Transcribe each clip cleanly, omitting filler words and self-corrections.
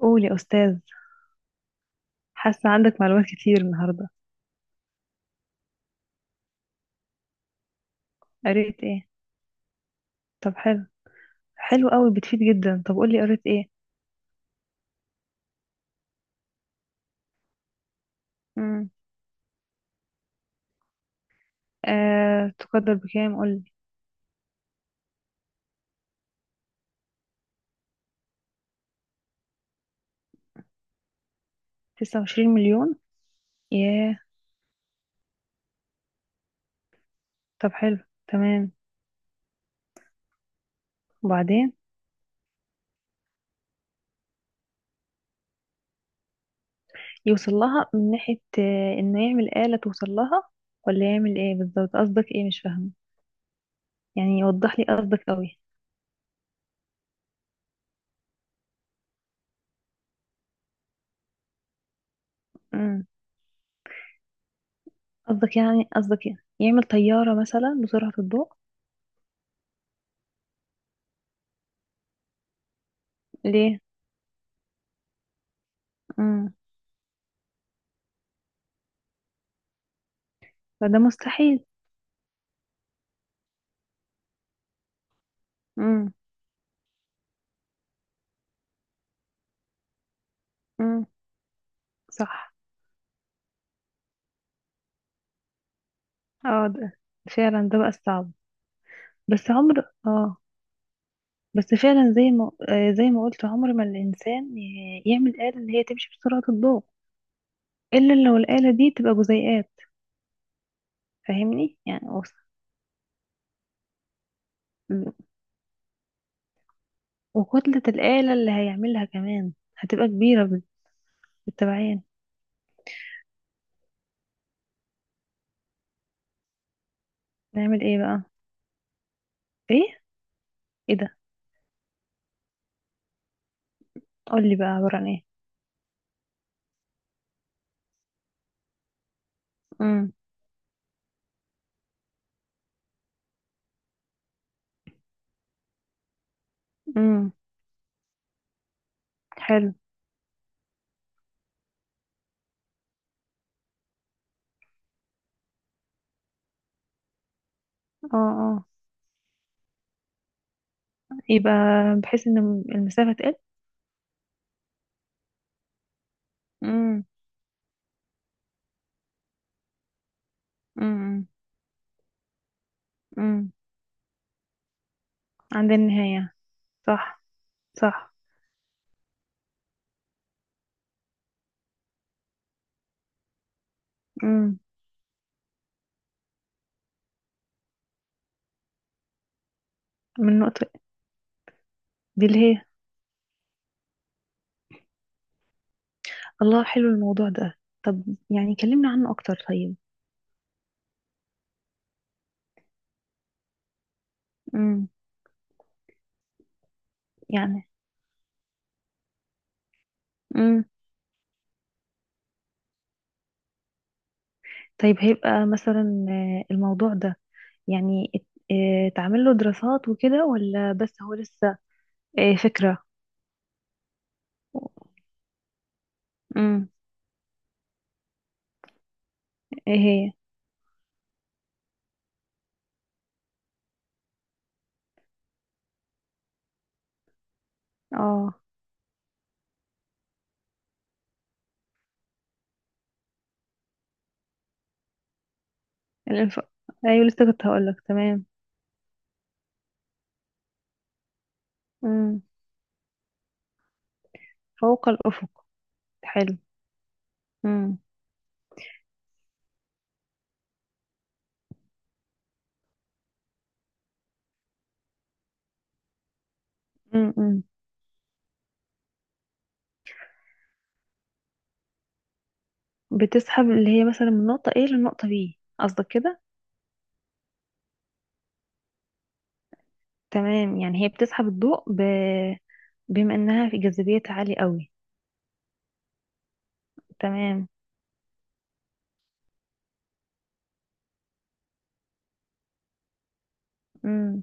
قول يا أستاذ. حاسة عندك معلومات كتير النهاردة. قريت ايه؟ طب حلو. حلو قوي، بتفيد جدا. طب قولي، قريت ايه؟ مم. آه، تقدر بكام قولي. 29 مليون. ياه. طب حلو. تمام. وبعدين؟ يوصل لها من ناحية انه يعمل آلة توصل لها، ولا يعمل ايه بالظبط؟ قصدك ايه؟ مش فاهمة. يعني يوضح لي قصدك قوي. مم. قصدك يعني يعمل طيارة مثلا بسرعة الضوء؟ ليه؟ مم. فده مستحيل. مم. مم. صح. اه ده فعلا، ده بقى الصعب. بس عمر اه. بس فعلا زي ما زي ما قلت، عمر ما الإنسان يعمل آلة اللي هي تمشي بسرعة الضوء، إلا لو الآلة دي تبقى جزيئات. فاهمني يعني وكتلة الآلة اللي هيعملها كمان هتبقى كبيرة بالتبعين. نعمل ايه بقى؟ ايه؟ ايه ده؟ قولي بقى عبارة عن ايه. امم. امم. حلو. اه اه. يبقى بحيث ان المسافة تقل. امم. امم. امم. عند النهاية. صح. صح. امم. من نقطة. دي اللي هي. الله، حلو الموضوع ده. طب يعني كلمنا عنه أكتر طيب. امم. يعني. امم. طيب هيبقى مثلا الموضوع ده يعني تعمل له دراسات وكده، ولا بس هو لسه فكرة؟ امم. ايه هي؟ اه. الانف... ايوه لسه كنت هقولك. تمام. امم. فوق الأفق. حلو. امم. امم. بتسحب اللي هي مثلا من نقطة A لنقطة B؟ قصدك كده؟ تمام. يعني هي بتسحب الضوء بما انها في جاذبيتها عالية قوي. تمام. امم.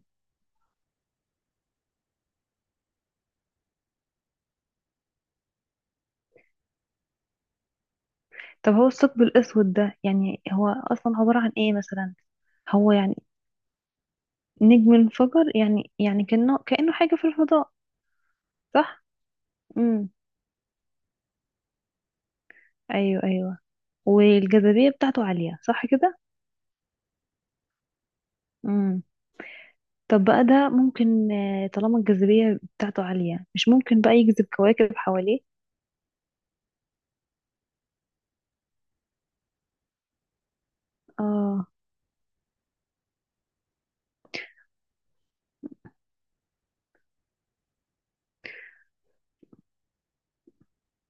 طب هو الثقب الاسود ده يعني هو اصلا عبارة عن ايه مثلا؟ هو يعني نجم انفجر؟ يعني كأنه حاجة في الفضاء؟ صح. امم. ايوه ايوه. والجاذبية بتاعته عالية صح كده؟ امم. طب بقى ده ممكن، طالما الجاذبية بتاعته عالية، مش ممكن بقى يجذب كواكب حواليه؟ اه.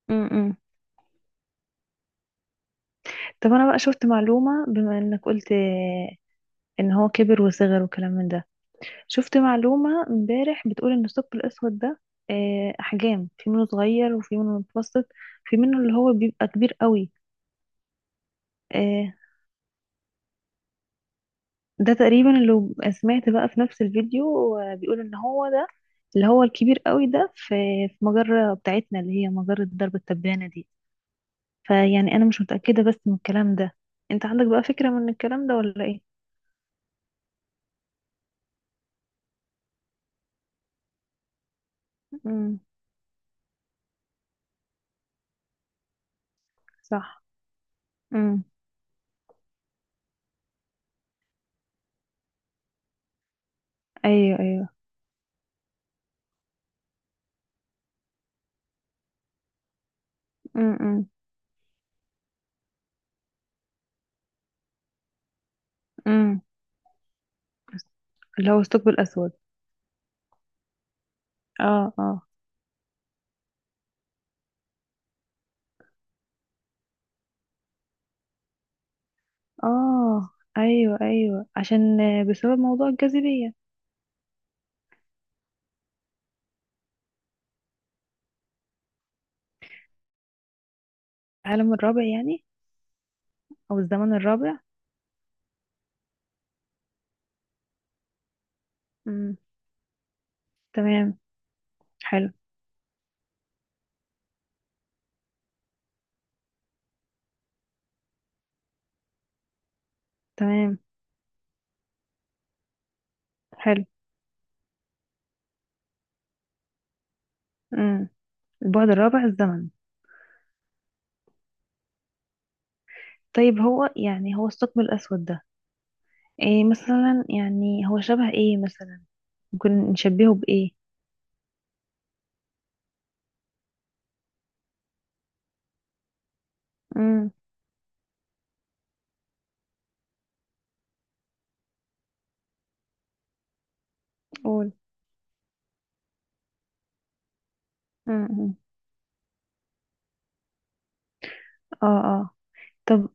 امم. طب انا بقى شفت معلومة، بما انك قلت ان هو كبر وصغر وكلام من ده، شفت معلومة امبارح بتقول ان الثقب الاسود ده احجام، في منه صغير وفي منه متوسط، في منه اللي هو بيبقى كبير قوي. آه. ده تقريبا اللي سمعت بقى في نفس الفيديو. بيقول ان هو ده اللي هو الكبير قوي ده في في مجرة بتاعتنا اللي هي مجرة درب التبانة دي. فيعني انا مش متأكدة بس من الكلام ده. انت عندك بقى فكرة من الكلام ده ولا ايه؟ امم. صح. امم. ايوه ايوه. امم. امم. اللي هو الثقب الاسود. اه اه. اه. ايوه ايوه، عشان بسبب موضوع الجاذبية. العالم الرابع يعني؟ او الزمن الرابع؟ امم. تمام. حلو. تمام. حلو. امم. البعد الرابع الزمن. طيب هو يعني هو الثقب الأسود ده ايه مثلا؟ يعني هو شبه ايه مثلا؟ ممكن نشبهه بإيه؟ امم. قول. امم. اه اه. طب.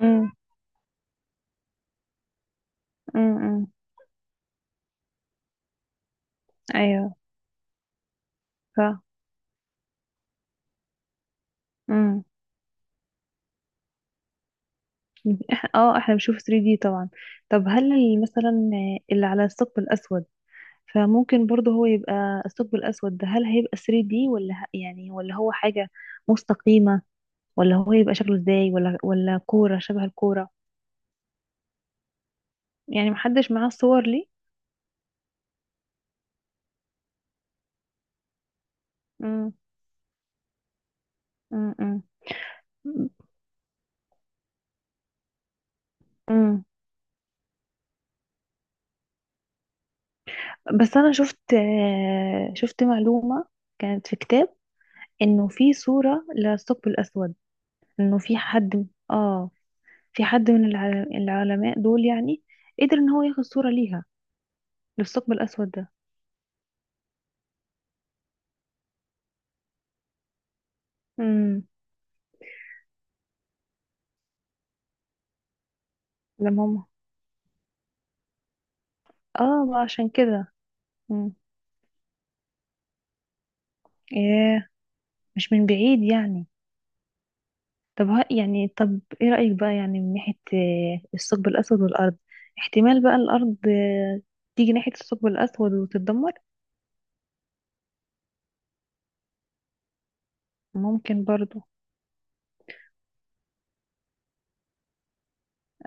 امم. امم. ايوه. ف. امم. اه احنا بنشوف 3D طبعا. طب مثلا اللي على الثقب الأسود، فممكن برضه هو يبقى الثقب الأسود ده هل هيبقى 3D، ولا يعني ولا هو حاجة مستقيمة؟ ولا هو يبقى شكله ازاي؟ ولا كورة شبه الكورة؟ يعني محدش معاه الصور ليه؟ مم. مم. مم. مم. بس أنا شفت شفت معلومة كانت في كتاب، إنه في صورة للثقب الأسود، إنه في حد آه، في حد من العلماء دول يعني قدر إن هو ياخد صورة ليها، للثقب الأسود ده. مم. لما هم. اه، ما عشان كده. مم. ايه؟ مش من بعيد يعني. طب ها يعني، طب ايه رأيك بقى يعني من ناحية الثقب الأسود والأرض؟ احتمال بقى الأرض تيجي ناحية الثقب الأسود وتتدمر؟ ممكن برضو.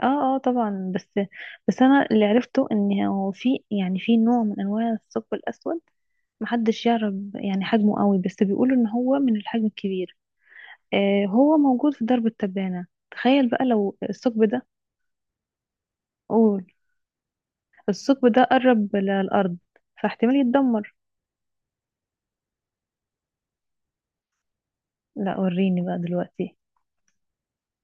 اه اه طبعا. بس بس انا اللي عرفته ان هو في يعني في نوع من انواع الثقب الأسود محدش يعرف يعني حجمه قوي، بس بيقولوا ان هو من الحجم الكبير. آه هو موجود في درب التبانة. تخيل بقى لو الثقب ده. قول. الثقب ده قرب للأرض، فاحتمال يتدمر. لا وريني بقى دلوقتي.